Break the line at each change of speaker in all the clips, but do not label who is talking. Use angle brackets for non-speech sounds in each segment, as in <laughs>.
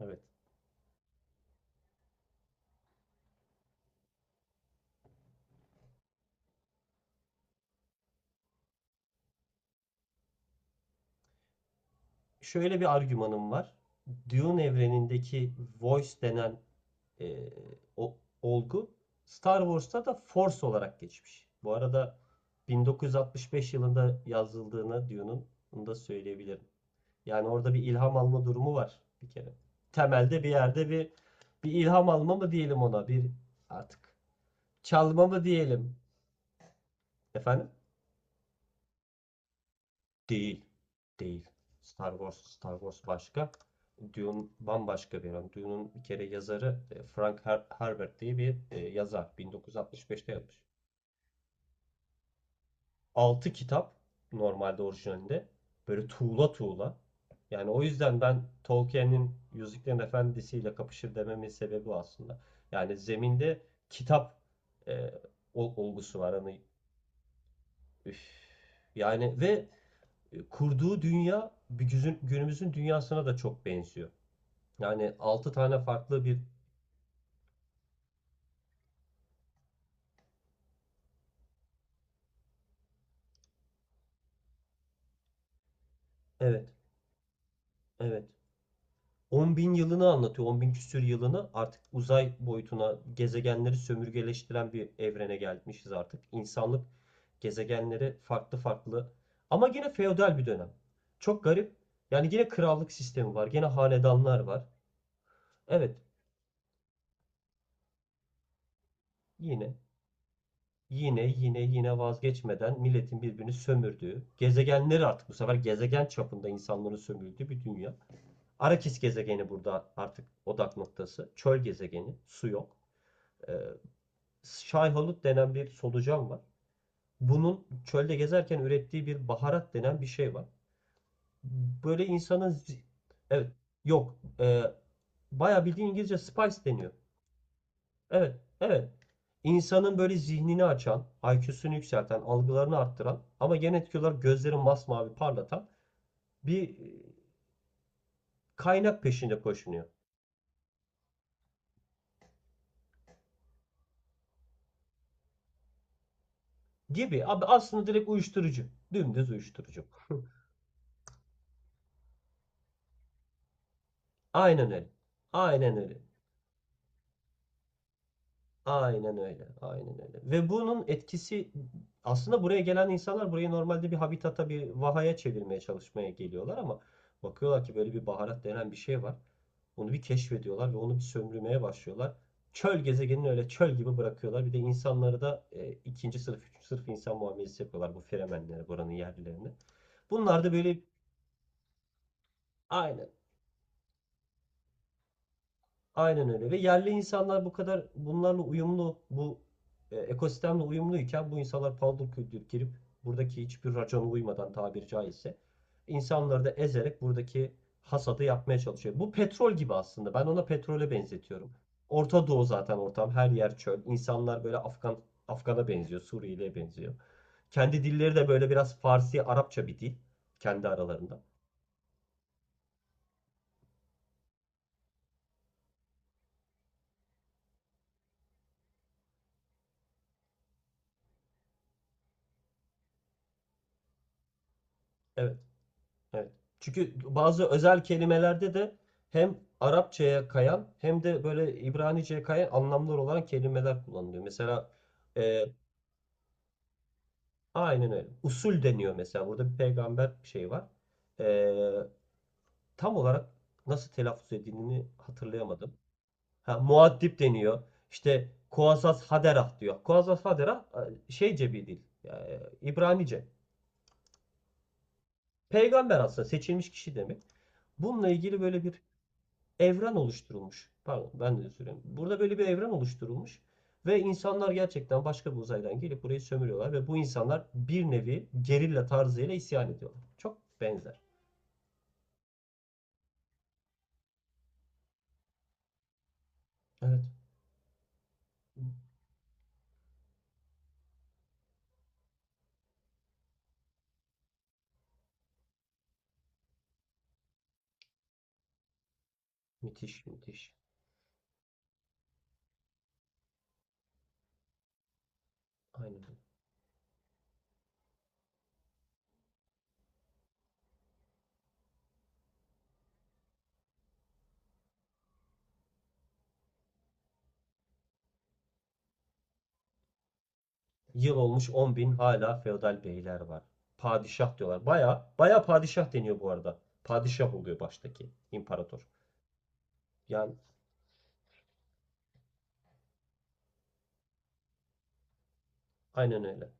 Evet. Şöyle bir argümanım var. Dune evrenindeki Voice denen e, o, olgu Star Wars'ta da Force olarak geçmiş. Bu arada 1965 yılında yazıldığını Dune'un bunu da söyleyebilirim. Yani orada bir ilham alma durumu var bir kere. Temelde bir yerde bir ilham alma mı diyelim ona bir artık çalma mı diyelim efendim. Değil. Değil. Star Wars başka. Dune bambaşka bir adam. Dune'un bir kere yazarı Frank Herbert diye bir yazar. 1965'te yapmış. 6 kitap normalde orijinalinde. Böyle tuğla tuğla. Yani o yüzden ben Tolkien'in Yüzüklerin Efendisi'yle kapışır dememin sebebi o aslında. Yani zeminde kitap e, olgusu var. Hani üf. Yani ve kurduğu dünya bir günümüzün dünyasına da çok benziyor. Yani 6 tane farklı bir. Evet, evet. 10 bin yılını anlatıyor. 10 bin küsür yılını artık uzay boyutuna gezegenleri sömürgeleştiren bir evrene gelmişiz artık. İnsanlık gezegenleri farklı farklı ama yine feodal bir dönem. Çok garip. Yani yine krallık sistemi var. Yine hanedanlar var. Evet, yine. Yine yine yine vazgeçmeden milletin birbirini sömürdüğü, gezegenleri artık bu sefer gezegen çapında insanların sömürdüğü bir dünya. Arakis gezegeni burada artık odak noktası. Çöl gezegeni, su yok. Ee, Şayhalut denen bir solucan var. Bunun çölde gezerken ürettiği bir baharat denen bir şey var. Böyle insanın... Evet, yok. Bayağı bildiğin İngilizce spice deniyor. Evet, evet. İnsanın böyle zihnini açan, IQ'sunu yükselten, algılarını arttıran ama genetik etki olarak gözleri masmavi parlatan bir kaynak peşinde koşunuyor. Gibi. Abi aslında direkt uyuşturucu. Dümdüz uyuşturucu. <laughs> Aynen öyle. Aynen öyle. Aynen öyle. Aynen öyle. Ve bunun etkisi aslında buraya gelen insanlar burayı normalde bir habitata, bir vahaya çevirmeye çalışmaya geliyorlar ama bakıyorlar ki böyle bir baharat denen bir şey var. Onu bir keşfediyorlar ve onu bir sömürmeye başlıyorlar. Çöl gezegenini öyle çöl gibi bırakıyorlar. Bir de insanları da ikinci sınıf, üçüncü sınıf insan muamelesi yapıyorlar bu Fremenlere, buranın yerlilerine. Bunlar da böyle. Aynen. Aynen öyle. Ve yerli insanlar bu kadar bunlarla uyumlu, bu ekosistemle uyumluyken bu insanlar paldır küldür girip buradaki hiçbir racona uymadan tabiri caizse insanları da ezerek buradaki hasadı yapmaya çalışıyor. Bu petrol gibi aslında. Ben ona petrole benzetiyorum. Orta Doğu zaten ortam. Her yer çöl. İnsanlar böyle Afgan'a benziyor, Suriyeli'ye benziyor. Kendi dilleri de böyle biraz Farsi, Arapça bir dil kendi aralarında. Evet, evet. Çünkü bazı özel kelimelerde de hem Arapçaya kayan hem de böyle İbranice'ye kayan anlamlar olan kelimeler kullanılıyor. Mesela e, aynen öyle. Usul deniyor mesela. Burada bir peygamber şeyi var. E, tam olarak nasıl telaffuz edildiğini hatırlayamadım. Ha, muaddip deniyor. İşte Kuasas Haderah diyor. Kuasas Haderah şeyce bir dil. İbranice. Peygamber aslında seçilmiş kişi demek. Bununla ilgili böyle bir evren oluşturulmuş. Pardon ben de söyleyeyim. Burada böyle bir evren oluşturulmuş. Ve insanlar gerçekten başka bir uzaydan gelip burayı sömürüyorlar. Ve bu insanlar bir nevi gerilla tarzıyla isyan ediyorlar. Çok benzer. Evet. Müthiş müthiş. Aynen. Yıl olmuş 10 bin, hala feodal beyler var. Padişah diyorlar. Baya baya padişah deniyor bu arada. Padişah oluyor baştaki imparator. Yani aynen öyle.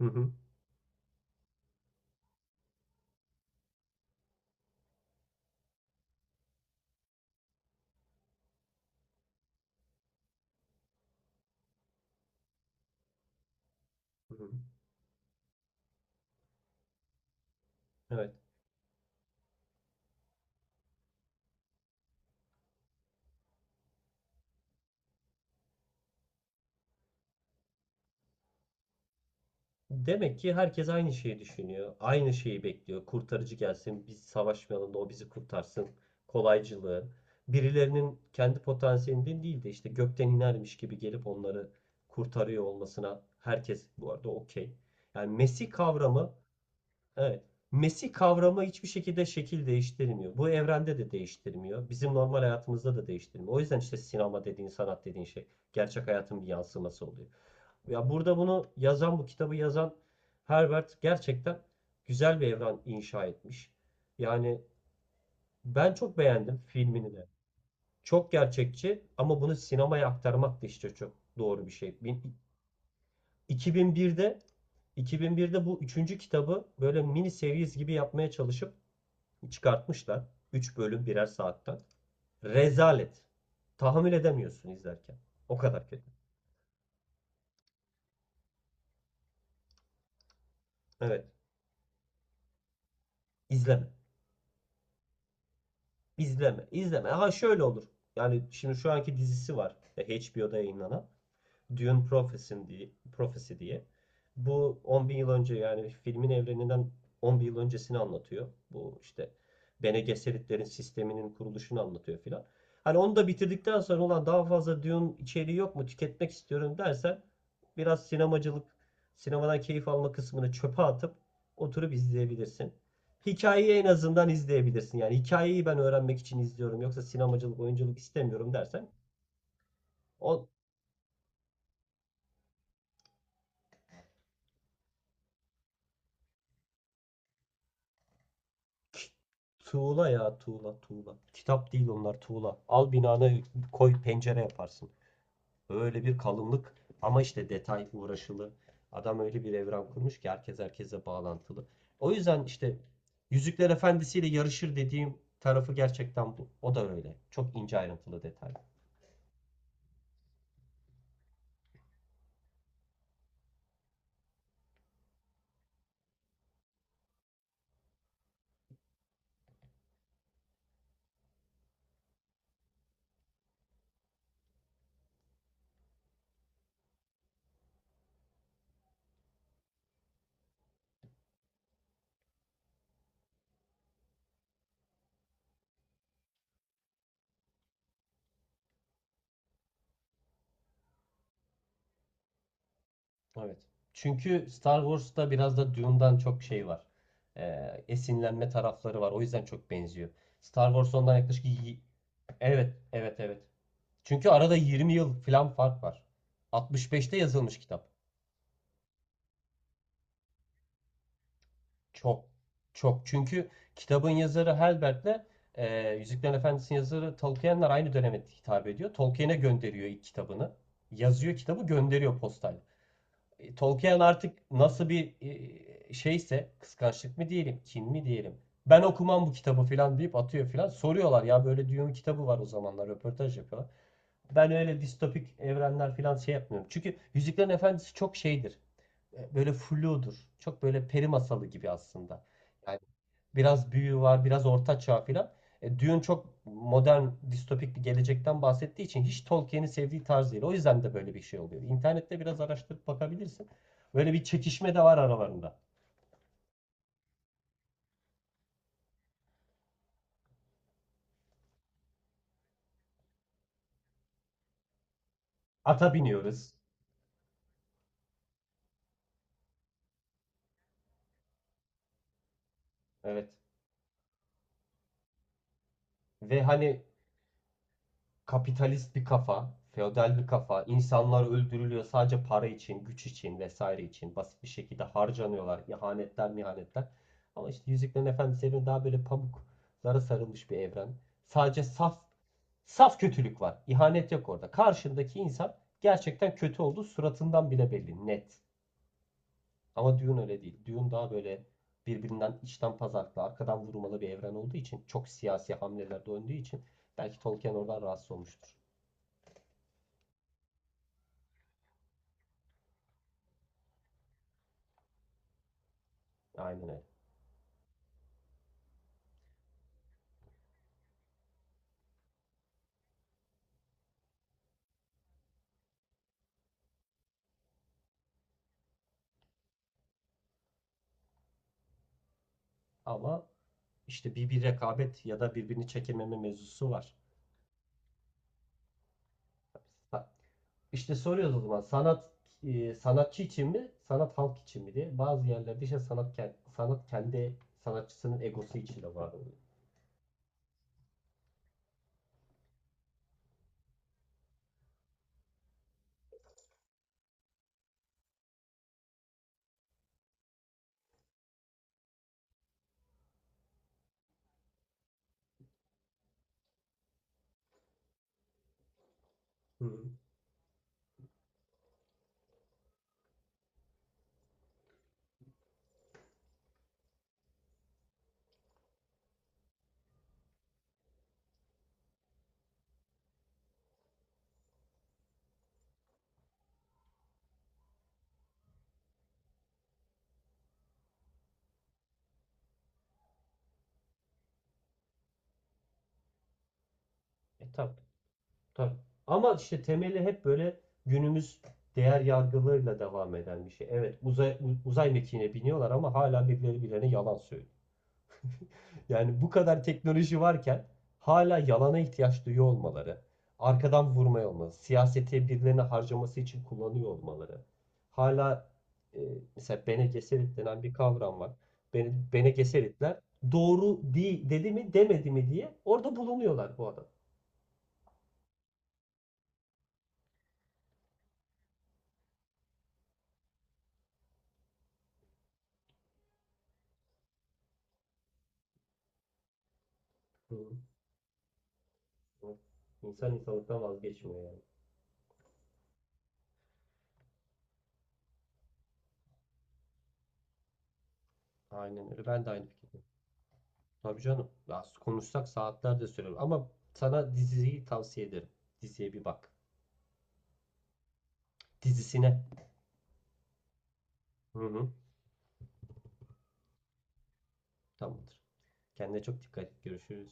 Hı hı. Hı hı. Evet. Demek ki herkes aynı şeyi düşünüyor. Aynı şeyi bekliyor. Kurtarıcı gelsin, biz savaşmayalım da o bizi kurtarsın. Kolaycılığı. Birilerinin kendi potansiyelinden değil de işte gökten inermiş gibi gelip onları kurtarıyor olmasına herkes bu arada okey. Yani Mesih kavramı. Evet. Mesih kavramı hiçbir şekilde şekil değiştirmiyor. Bu evrende de değiştirmiyor. Bizim normal hayatımızda da değiştirmiyor. O yüzden işte sinema dediğin, sanat dediğin şey gerçek hayatın bir yansıması oluyor. Ya burada bunu yazan, bu kitabı yazan Herbert gerçekten güzel bir evren inşa etmiş. Yani ben çok beğendim filmini de. Çok gerçekçi ama bunu sinemaya aktarmak da işte çok doğru bir şey. 2001'de 2001'de bu üçüncü kitabı böyle mini series gibi yapmaya çalışıp çıkartmışlar. Üç bölüm birer saatten. Rezalet. Tahammül edemiyorsun izlerken. O kadar kötü. Evet. İzleme. İzleme. İzleme. Ha şöyle olur. Yani şimdi şu anki dizisi var. HBO'da yayınlanan. Dune Prophecy diye, Prophecy diye. Bu 10 bin yıl önce yani filmin evreninden 10 bin yıl öncesini anlatıyor. Bu işte Bene Gesseritlerin sisteminin kuruluşunu anlatıyor filan. Hani onu da bitirdikten sonra ulan daha fazla Dune içeriği yok mu tüketmek istiyorum dersen biraz sinemacılık, sinemadan keyif alma kısmını çöpe atıp oturup izleyebilirsin. Hikayeyi en azından izleyebilirsin. Yani hikayeyi ben öğrenmek için izliyorum yoksa sinemacılık, oyunculuk istemiyorum dersen o. Tuğla ya, tuğla tuğla. Kitap değil onlar, tuğla. Al binana koy, pencere yaparsın. Öyle bir kalınlık ama işte detay uğraşılı. Adam öyle bir evren kurmuş ki herkes herkese bağlantılı. O yüzden işte Yüzükler Efendisi ile yarışır dediğim tarafı gerçekten bu. O da öyle. Çok ince ayrıntılı detay. Evet. Çünkü Star Wars'ta biraz da Dune'dan çok şey var. Esinlenme tarafları var. O yüzden çok benziyor. Star Wars ondan yaklaşık... Evet, evet, evet. Çünkü arada 20 yıl falan fark var. 65'te yazılmış kitap. Çok. Çok. Çünkü kitabın yazarı Herbert'le Yüzüklerin Efendisi'nin yazarı Tolkien'ler aynı döneme hitap ediyor. Tolkien'e gönderiyor ilk kitabını. Yazıyor kitabı gönderiyor postal. Tolkien artık nasıl bir şeyse kıskançlık mı diyelim, kin mi diyelim. Ben okumam bu kitabı falan deyip atıyor falan. Soruyorlar ya böyle diyor, kitabı var o zamanlar röportaj yapıyorlar. Ben öyle distopik evrenler falan şey yapmıyorum. Çünkü Yüzüklerin Efendisi çok şeydir. Böyle fludur. Çok böyle peri masalı gibi aslında. Yani biraz büyü var, biraz orta çağ falan. Dune çok modern, distopik bir gelecekten bahsettiği için hiç Tolkien'in sevdiği tarz değil. O yüzden de böyle bir şey oluyor. İnternette biraz araştırıp bakabilirsin. Böyle bir çekişme de var aralarında. Ata biniyoruz. Evet. Ve hani kapitalist bir kafa, feodal bir kafa. İnsanlar öldürülüyor sadece para için, güç için vesaire için. Basit bir şekilde harcanıyorlar. İhanetler, mihanetler. Ama işte Yüzüklerin Efendisi evreni daha böyle pamuklara sarılmış bir evren. Sadece saf saf kötülük var. İhanet yok orada. Karşındaki insan gerçekten kötü olduğu suratından bile belli. Net. Ama Dune öyle değil. Dune daha böyle birbirinden içten pazarlıklı, arkadan vurmalı bir evren olduğu için çok siyasi hamlelerde döndüğü için belki Tolkien oradan rahatsız olmuştur. Aynen öyle. Ama işte bir rekabet ya da birbirini çekememe mevzusu var. Ha, İşte soruyoruz o zaman sanat sanatçı için mi, sanat halk için mi diye. Bazı yerlerde işte sanat, sanat kendi sanatçısının egosu için de var oluyor. Hı. Hı. E tabii. Tabii. Ama işte temeli hep böyle günümüz değer yargılarıyla devam eden bir şey. Evet, uzay mekiğine biniyorlar ama hala birileri birilerine yalan söylüyor. Yani bu kadar teknoloji varken hala yalana ihtiyaç duyuyor olmaları, arkadan vurmaya olması, siyasete birilerine harcaması için kullanıyor olmaları. Hala e, mesela Bene Gesserit denen bir kavram var. Bene Gesseritler doğru değil dedi mi demedi mi diye orada bulunuyorlar bu adam. Hı. İnsan insanlıktan vazgeçmiyor yani. Aynen öyle. Ben de aynı fikirdeyim. Tabii canım. Ya konuşsak saatlerce sürer. Ama sana diziyi tavsiye ederim. Diziye bir bak. Dizisine. Hı hı. Tamamdır. Kendine çok dikkat et. Görüşürüz.